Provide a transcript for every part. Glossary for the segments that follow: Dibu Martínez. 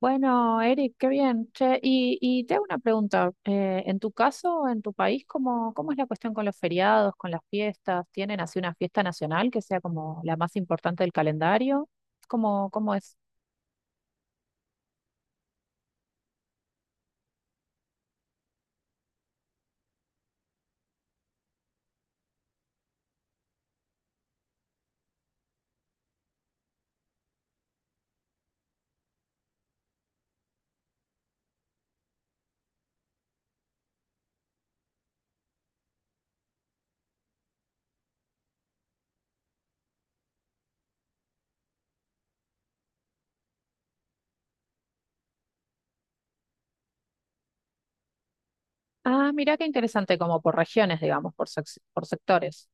Bueno, Eric, qué bien. Che, y te hago una pregunta. En tu caso, en tu país, ¿cómo es la cuestión con los feriados, con las fiestas? ¿Tienen así una fiesta nacional que sea como la más importante del calendario? ¿Cómo es? Ah, mira qué interesante, como por regiones, digamos, por, por sectores.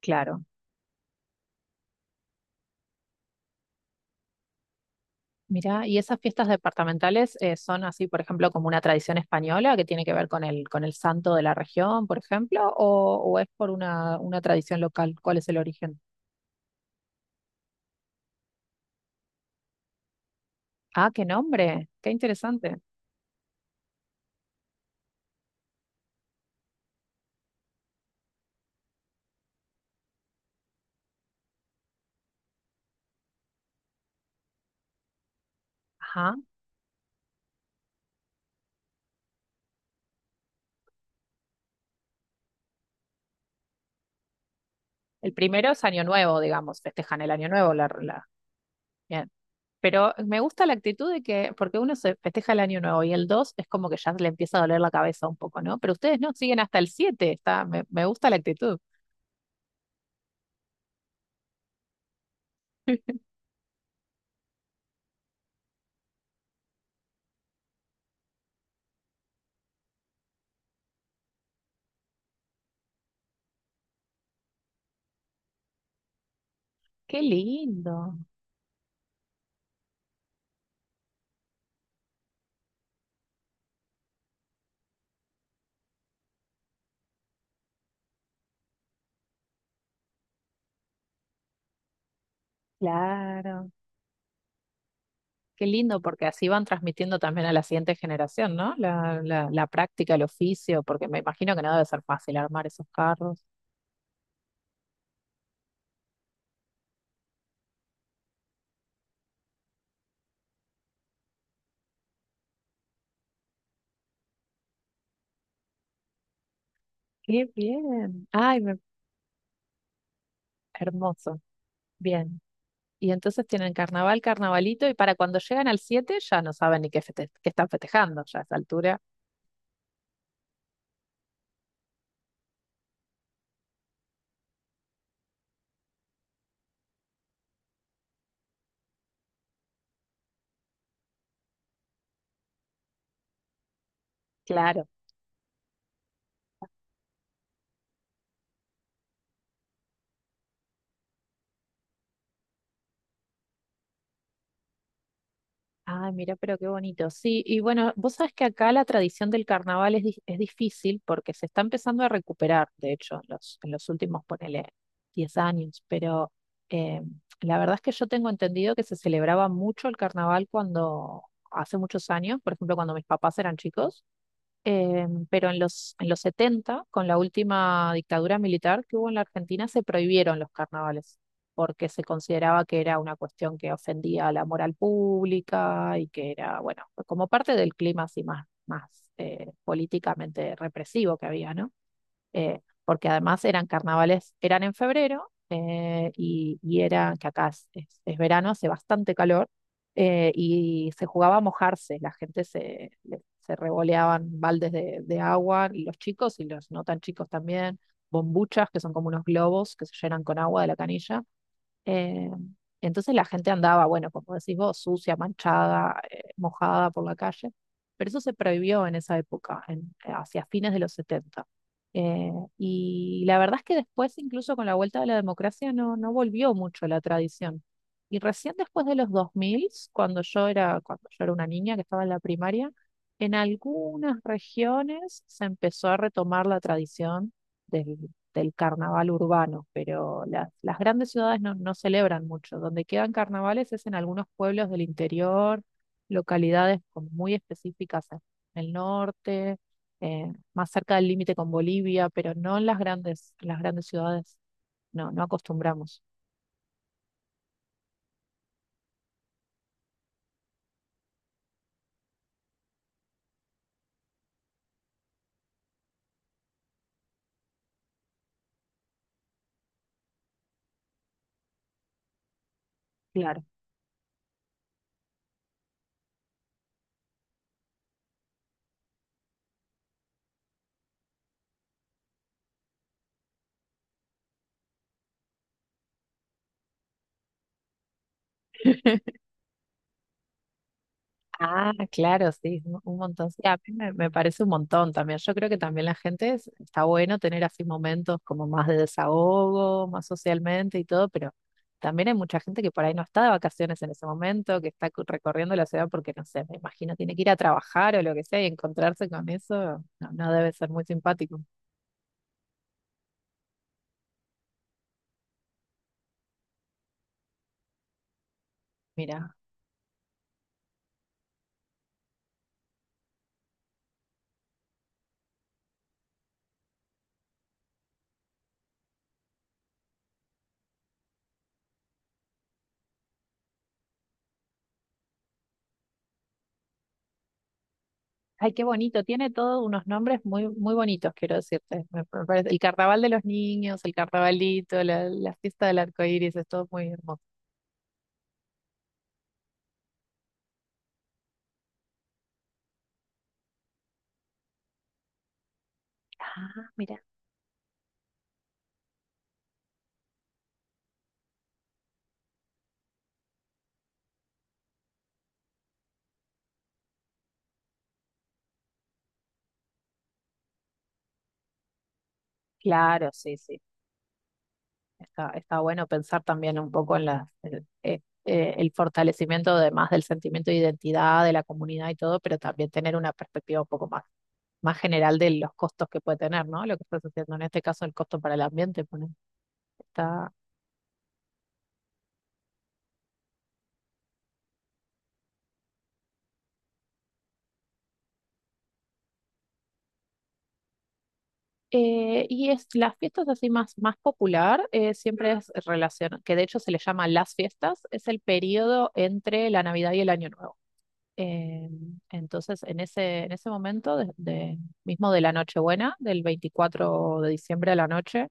Claro. Mira, y esas fiestas departamentales son así, por ejemplo, como una tradición española que tiene que ver con con el santo de la región, por ejemplo, o es por una tradición local. ¿Cuál es el origen? Ah, qué nombre, qué interesante. Ajá. El primero es Año Nuevo, digamos, festejan el Año Nuevo, bien. Pero me gusta la actitud de que, porque uno se festeja el Año Nuevo y el 2 es como que ya le empieza a doler la cabeza un poco, ¿no? Pero ustedes no, siguen hasta el siete, está, me gusta la actitud. Qué lindo, claro. Qué lindo, porque así van transmitiendo también a la siguiente generación, ¿no? La práctica, el oficio, porque me imagino que no debe ser fácil armar esos carros. Qué bien. Hermoso. Bien. Y entonces tienen carnaval, carnavalito, y para cuando llegan al 7 ya no saben ni qué, qué están festejando ya a esa altura. Claro. Ah, mira, pero qué bonito. Sí, y bueno, vos sabés que acá la tradición del carnaval es, es difícil porque se está empezando a recuperar, de hecho, en en los últimos, ponele, 10 años, pero eh, la verdad es que yo tengo entendido que se celebraba mucho el carnaval cuando, hace muchos años, por ejemplo, cuando mis papás eran chicos. Pero en en los setenta, con la última dictadura militar que hubo en la Argentina, se prohibieron los carnavales, porque se consideraba que era una cuestión que ofendía a la moral pública y que era, bueno, como parte del clima así más políticamente represivo que había, ¿no? Porque además eran carnavales, eran en febrero, y era, que acá es, es verano, hace bastante calor, y se jugaba a mojarse, la gente se, se revoleaban baldes de agua, y los chicos y los no tan chicos también, bombuchas, que son como unos globos que se llenan con agua de la canilla. eh, entonces la gente andaba, bueno, como decís vos, sucia, manchada, mojada por la calle, pero eso se prohibió en esa época, hacia fines de los 70. Eh, y la verdad es que después, incluso con la vuelta de la democracia, no, no volvió mucho la tradición. Y recién después de los 2000, cuando yo era una niña que estaba en la primaria, en algunas regiones se empezó a retomar la tradición del carnaval urbano, pero las grandes ciudades no, no celebran mucho. Donde quedan carnavales es en algunos pueblos del interior, localidades como muy específicas en el norte, más cerca del límite con Bolivia, pero no en las grandes ciudades. No, no acostumbramos. Claro. Ah, claro, sí, un montón. Sí, me parece un montón también. Yo creo que también la gente está bueno tener así momentos como más de desahogo, más socialmente y todo, pero también hay mucha gente que por ahí no está de vacaciones en ese momento, que está recorriendo la ciudad porque, no sé, me imagino tiene que ir a trabajar o lo que sea, y encontrarse con eso no, no debe ser muy simpático. Mira, ay, qué bonito, tiene todos unos nombres muy, muy bonitos, quiero decirte. El carnaval de los niños, el carnavalito, la fiesta del arco iris, es todo muy hermoso. Ah, mira. Claro, sí, sí. Está, está bueno pensar también un poco en las, el fortalecimiento, además, del sentimiento de identidad de la comunidad y todo, pero también tener una perspectiva un poco más, más general de los costos que puede tener, ¿no? Lo que estás haciendo en este caso, el costo para el ambiente, está. Y es las fiestas así más, más popular, siempre es relación, que de hecho se le llama las fiestas, es el periodo entre la Navidad y el Año Nuevo. Eh, entonces, en ese, mismo de la Nochebuena, del 24 de diciembre a la noche,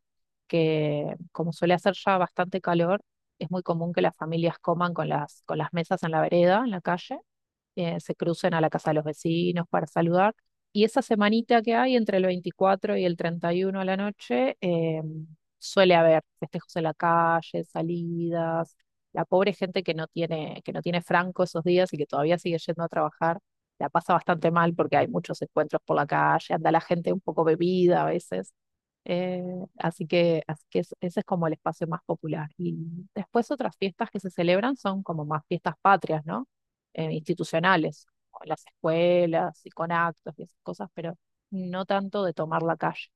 que como suele hacer ya bastante calor, es muy común que las familias coman con las mesas en la vereda, en la calle. Se crucen a la casa de los vecinos para saludar. Y esa semanita que hay entre el 24 y el 31 a la noche, suele haber festejos en la calle, salidas. La pobre gente que no tiene franco esos días y que todavía sigue yendo a trabajar, la pasa bastante mal porque hay muchos encuentros por la calle, anda la gente un poco bebida a veces. Eh, Así que, ese es como el espacio más popular. Y después otras fiestas que se celebran son como más fiestas patrias, ¿no? Institucionales, con las escuelas y con actos y esas cosas, pero no tanto de tomar la calle.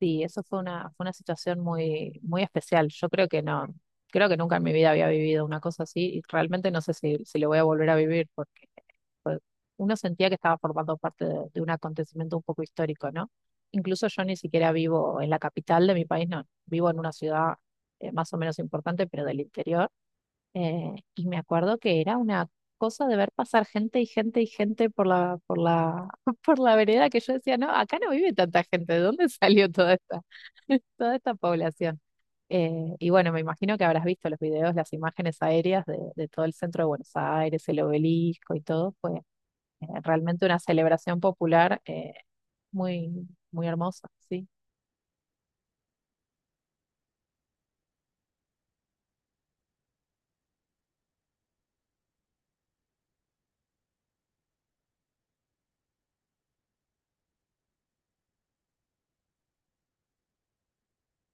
Sí, eso fue una situación muy, muy especial. Yo creo que no, creo que nunca en mi vida había vivido una cosa así, y realmente no sé si, si lo voy a volver a vivir porque fue- uno sentía que estaba formando parte de un acontecimiento un poco histórico, ¿no? Incluso yo ni siquiera vivo en la capital de mi país, no, vivo en una ciudad más o menos importante, pero del interior. Y me acuerdo que era una cosa de ver pasar gente y gente y gente por la, por la vereda, que yo decía, no, acá no vive tanta gente, ¿de dónde salió toda esta, toda esta población? Y bueno, me imagino que habrás visto los videos, las imágenes aéreas de todo el centro de Buenos Aires, el obelisco y todo. Fue realmente una celebración popular, muy, muy hermosa, sí,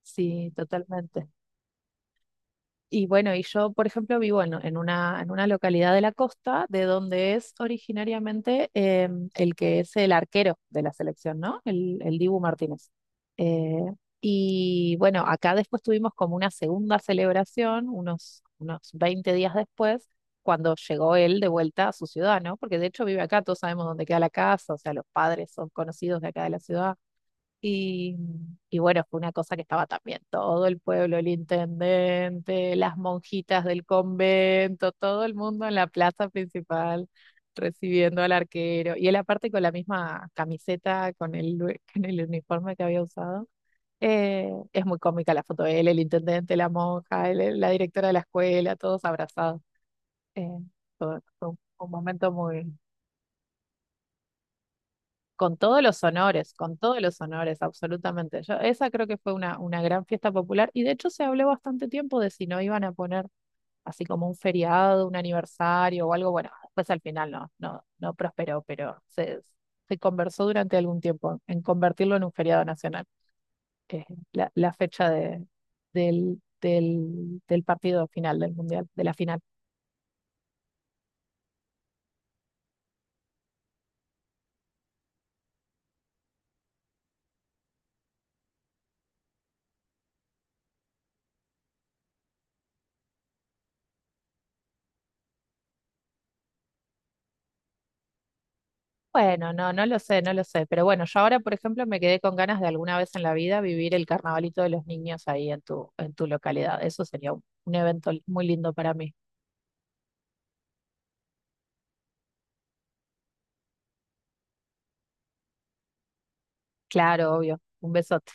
sí, totalmente. Y bueno, por ejemplo, vivo en una localidad de la costa, de donde es originariamente el que es el arquero de la selección, ¿no? El Dibu Martínez. Eh, y bueno, acá después tuvimos como una segunda celebración, unos 20 días después, cuando llegó él de vuelta a su ciudad, ¿no? Porque de hecho vive acá, todos sabemos dónde queda la casa, o sea, los padres son conocidos de acá de la ciudad. Y, y bueno, fue una cosa que estaba también todo el pueblo, el intendente, las monjitas del convento, todo el mundo en la plaza principal recibiendo al arquero. Y él aparte con la misma camiseta, con el, con el uniforme que había usado. Es muy cómica la foto de él, el intendente, la monja, la directora de la escuela, todos abrazados. Eh, fue un momento muy... Con todos los honores, con todos los honores, absolutamente. Yo, esa creo que fue una gran fiesta popular, y de hecho se habló bastante tiempo de si no iban a poner así como un feriado, un aniversario o algo. Bueno, después al final no, no, no prosperó, pero se conversó durante algún tiempo en convertirlo en un feriado nacional, que es la, la fecha del partido final del mundial, de la final. Bueno, no, no lo sé, no lo sé. Pero bueno, yo ahora, por ejemplo, me quedé con ganas de alguna vez en la vida vivir el carnavalito de los niños ahí en tu localidad. Eso sería un evento muy lindo para mí. Claro, obvio. Un besote.